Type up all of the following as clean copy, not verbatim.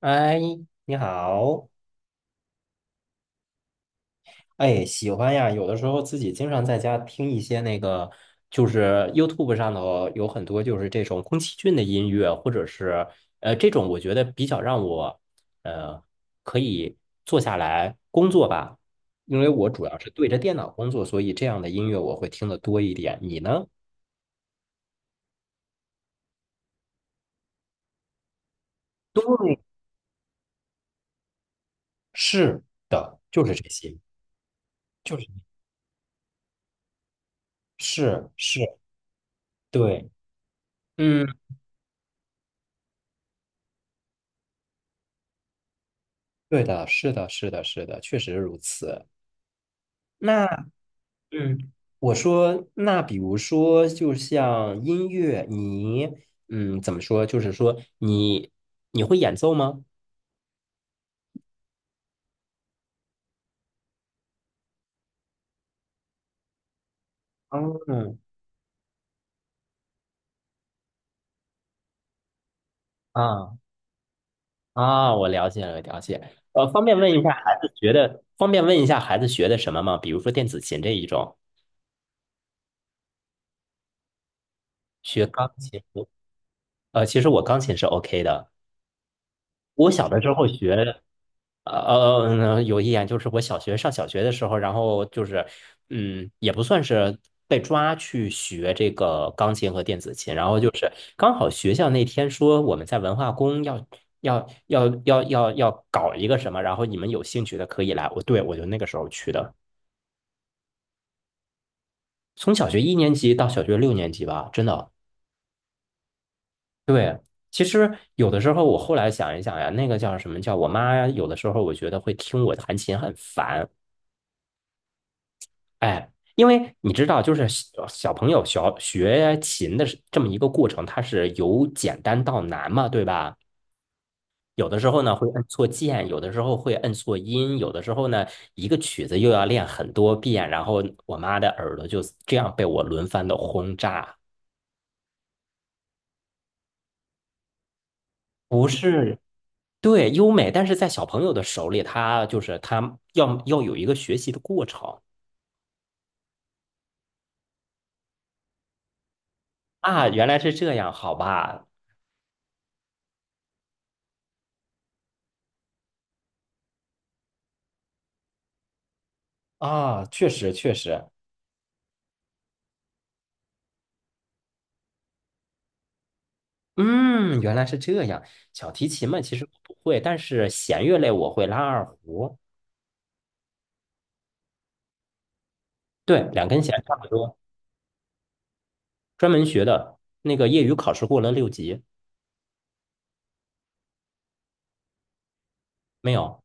哎，你好。哎，喜欢呀。有的时候自己经常在家听一些那个，就是 YouTube 上头有很多就是这种宫崎骏的音乐，或者是这种，我觉得比较让我呃可以坐下来工作吧，因为我主要是对着电脑工作，所以这样的音乐我会听的多一点。你呢？对，是的，就是这些，就是是是，对，嗯，对的，是的，是的，是的，确实如此。那嗯，我说，那比如说，就像音乐，你怎么说？就是说你你会演奏吗？嗯啊啊，我了解了，了解。呃，方便问一下，孩子学的，方便问一下孩子学的什么吗？比如说电子琴这一种，学钢琴。呃，其实我钢琴是 OK 的，我小的时候学。呃呃，有一点就是我小学上小学的时候，然后就是，嗯，也不算是被抓去学这个钢琴和电子琴，然后就是刚好学校那天说我们在文化宫要搞一个什么，然后你们有兴趣的可以来。我对我就那个时候去的，从小学一年级到小学六年级吧，真的。其实有的时候我后来想一想呀，那个叫什么叫我妈，有的时候我觉得会听我弹琴很烦。哎，因为你知道，就是小朋友学琴的是这么一个过程，它是由简单到难嘛，对吧？有的时候呢会摁错键，有的时候会摁错音，有的时候呢一个曲子又要练很多遍，然后我妈的耳朵就这样被我轮番的轰炸。不是，对，优美，但是在小朋友的手里，他就是他要有一个学习的过程啊，原来是这样，好吧？啊，确实确实，嗯，原来是这样。小提琴嘛，其实我不会，但是弦乐类我会拉二胡，对，两根弦差不多。专门学的，那个业余考试过了六级，没有？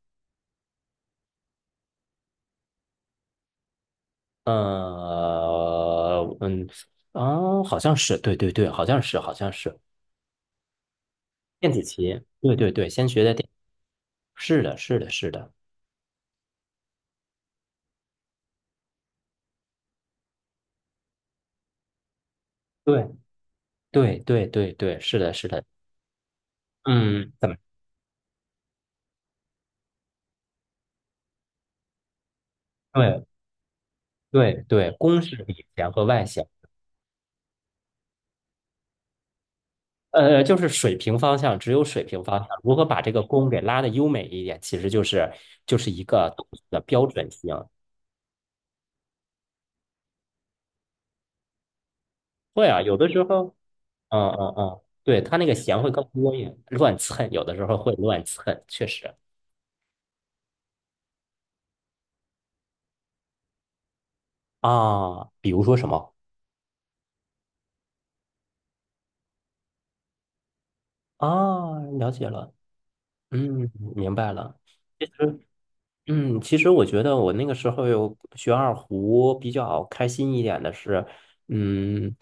嗯嗯，哦，好像是，对对对，好像是，好像是电子琴，对对对，先学的电，是的，是的，是的，对对对对对，是的，是的，嗯，怎么？对对对，公是里弦和外弦。就是水平方向，只有水平方向，如何把这个弓给拉的优美一点，其实就是就是一个动作的标准性。会啊，有的时候，嗯嗯嗯，对，它那个弦会更多一点，乱蹭，有的时候会乱蹭，确实啊，比如说什么啊，了解了，嗯，明白了。其实其实我觉得我那个时候有学二胡比较开心一点的是，嗯，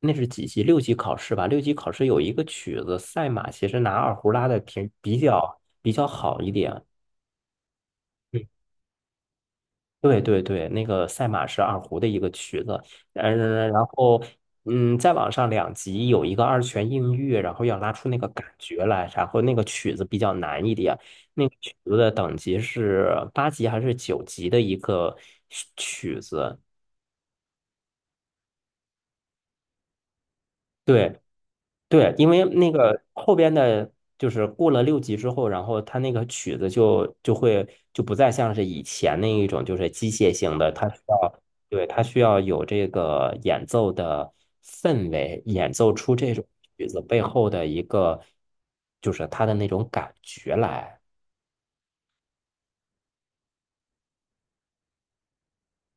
那是几级？六级考试吧。六级考试有一个曲子《赛马》，其实拿二胡拉的挺比较好一点。对对对，那个赛马是二胡的一个曲子，嗯，然后嗯，再往上两级有一个二泉映月，然后要拉出那个感觉来，然后那个曲子比较难一点，那个曲子的等级是八级还是九级的一个曲子？对，对，因为那个后边的，就是过了六级之后，然后他那个曲子就不再像是以前那一种，就是机械性的，它需要，对，它需要有这个演奏的氛围，演奏出这种曲子背后的一个，就是它的那种感觉来。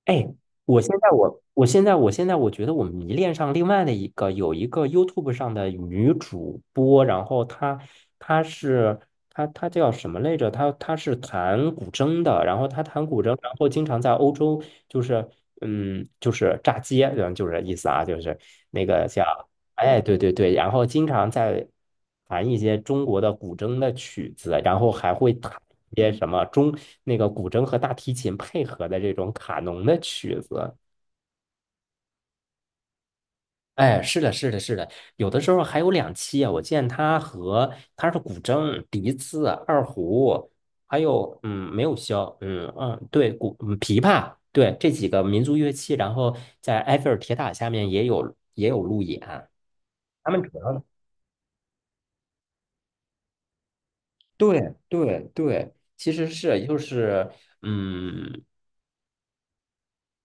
哎，我现在我我现在我现在我觉得我迷恋上另外的一个有一个 YouTube 上的女主播，然后她她是她她叫什么来着？她是弹古筝的，然后她弹古筝，然后经常在欧洲就是就是炸街，就是意思啊，就是那个叫。哎，对对对，然后经常在弹一些中国的古筝的曲子，然后还会弹一些什么中那个古筝和大提琴配合的这种卡农的曲子。哎，是的，是的，是的，有的时候还有两期啊，我见他和他是古筝、笛子、二胡，还有嗯，没有箫，嗯嗯，对，古琵琶，对这几个民族乐器，然后在埃菲尔铁塔下面也有路演，他们主要。对对对，其实是就是，嗯，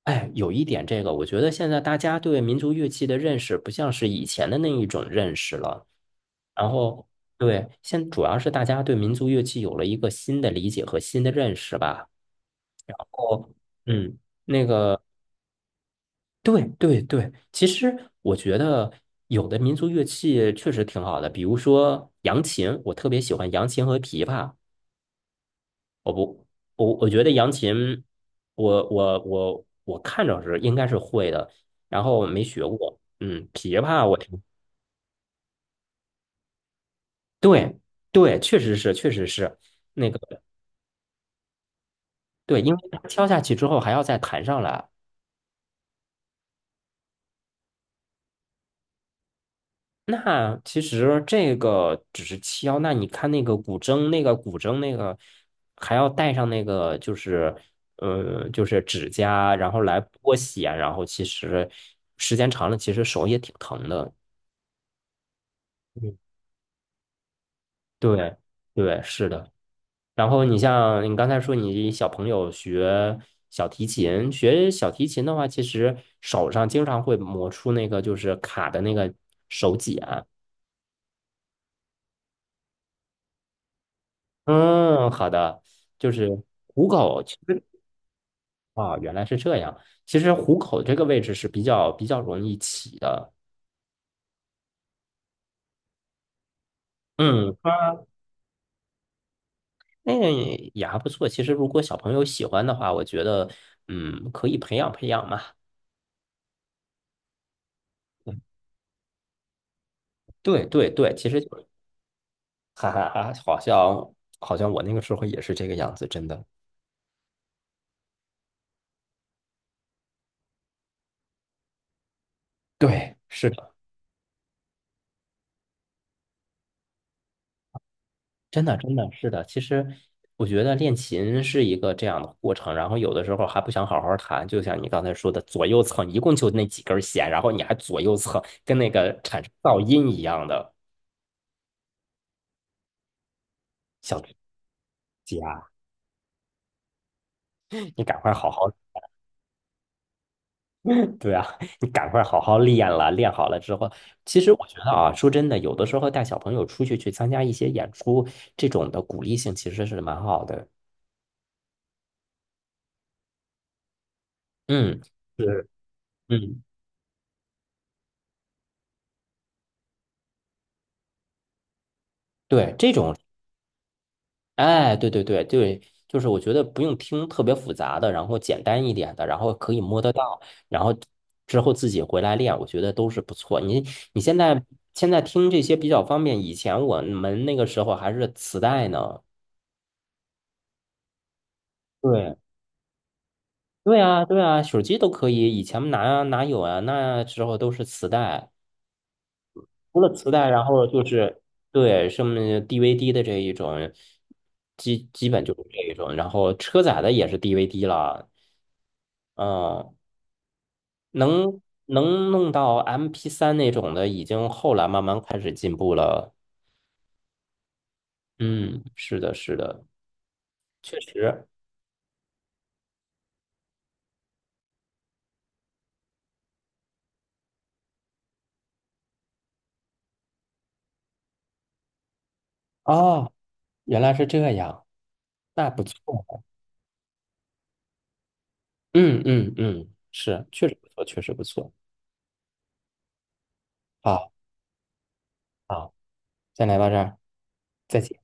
哎，有一点这个，我觉得现在大家对民族乐器的认识不像是以前的那一种认识了。然后，对，现主要是大家对民族乐器有了一个新的理解和新的认识吧。哦，嗯，那个，对对对，其实我觉得有的民族乐器确实挺好的，比如说扬琴，我特别喜欢扬琴和琵琶。我不，我觉得扬琴，我看着是应该是会的，然后没学过。嗯，琵琶我听，对对，确实是那个对，因为它敲下去之后还要再弹上来。那其实这个只是敲，那你看那个古筝，那个古筝那个还要带上那个就是就是指甲，然后来拨弦，然后其实时间长了，其实手也挺疼的。嗯对对，是的。然后你像你刚才说，你小朋友学小提琴，学小提琴的话，其实手上经常会磨出那个就是卡的那个手茧。嗯，好的，就是虎口，其实啊，原来是这样。其实虎口这个位置是比较容易起的。嗯，那也也还不错。其实如果小朋友喜欢的话，我觉得嗯，可以培养培养嘛。嗯对对对，其实。哈哈哈，好像好像我那个时候也是这个样子，真的。对，是的，真的真的是的。其实我觉得练琴是一个这样的过程，然后有的时候还不想好好弹，就像你刚才说的，左右蹭，一共就那几根弦，然后你还左右蹭，跟那个产生噪音一样的小指甲，你赶快好好，对啊，你赶快好好练了，练好了之后，其实我觉得啊，说真的，有的时候带小朋友出去去参加一些演出，这种的鼓励性其实是蛮好的。嗯。是，嗯，对，这种，哎，对对对对，就是我觉得不用听特别复杂的，然后简单一点的，然后可以摸得到，然后之后自己回来练，我觉得都是不错。你现在听这些比较方便，以前我们那个时候还是磁带呢。对，对啊，对啊，手机都可以，以前哪有啊？那时候都是磁带。除了磁带，然后就是对什么 DVD 的这一种，基本就是这一种，然后车载的也是 DVD 了，嗯，能弄到 MP3那种的，已经后来慢慢开始进步了。嗯，是的，是的，确实。哦，原来是这样，那不错。嗯嗯嗯，是，确实不错，确实不错。好，好，先来到这儿，再见。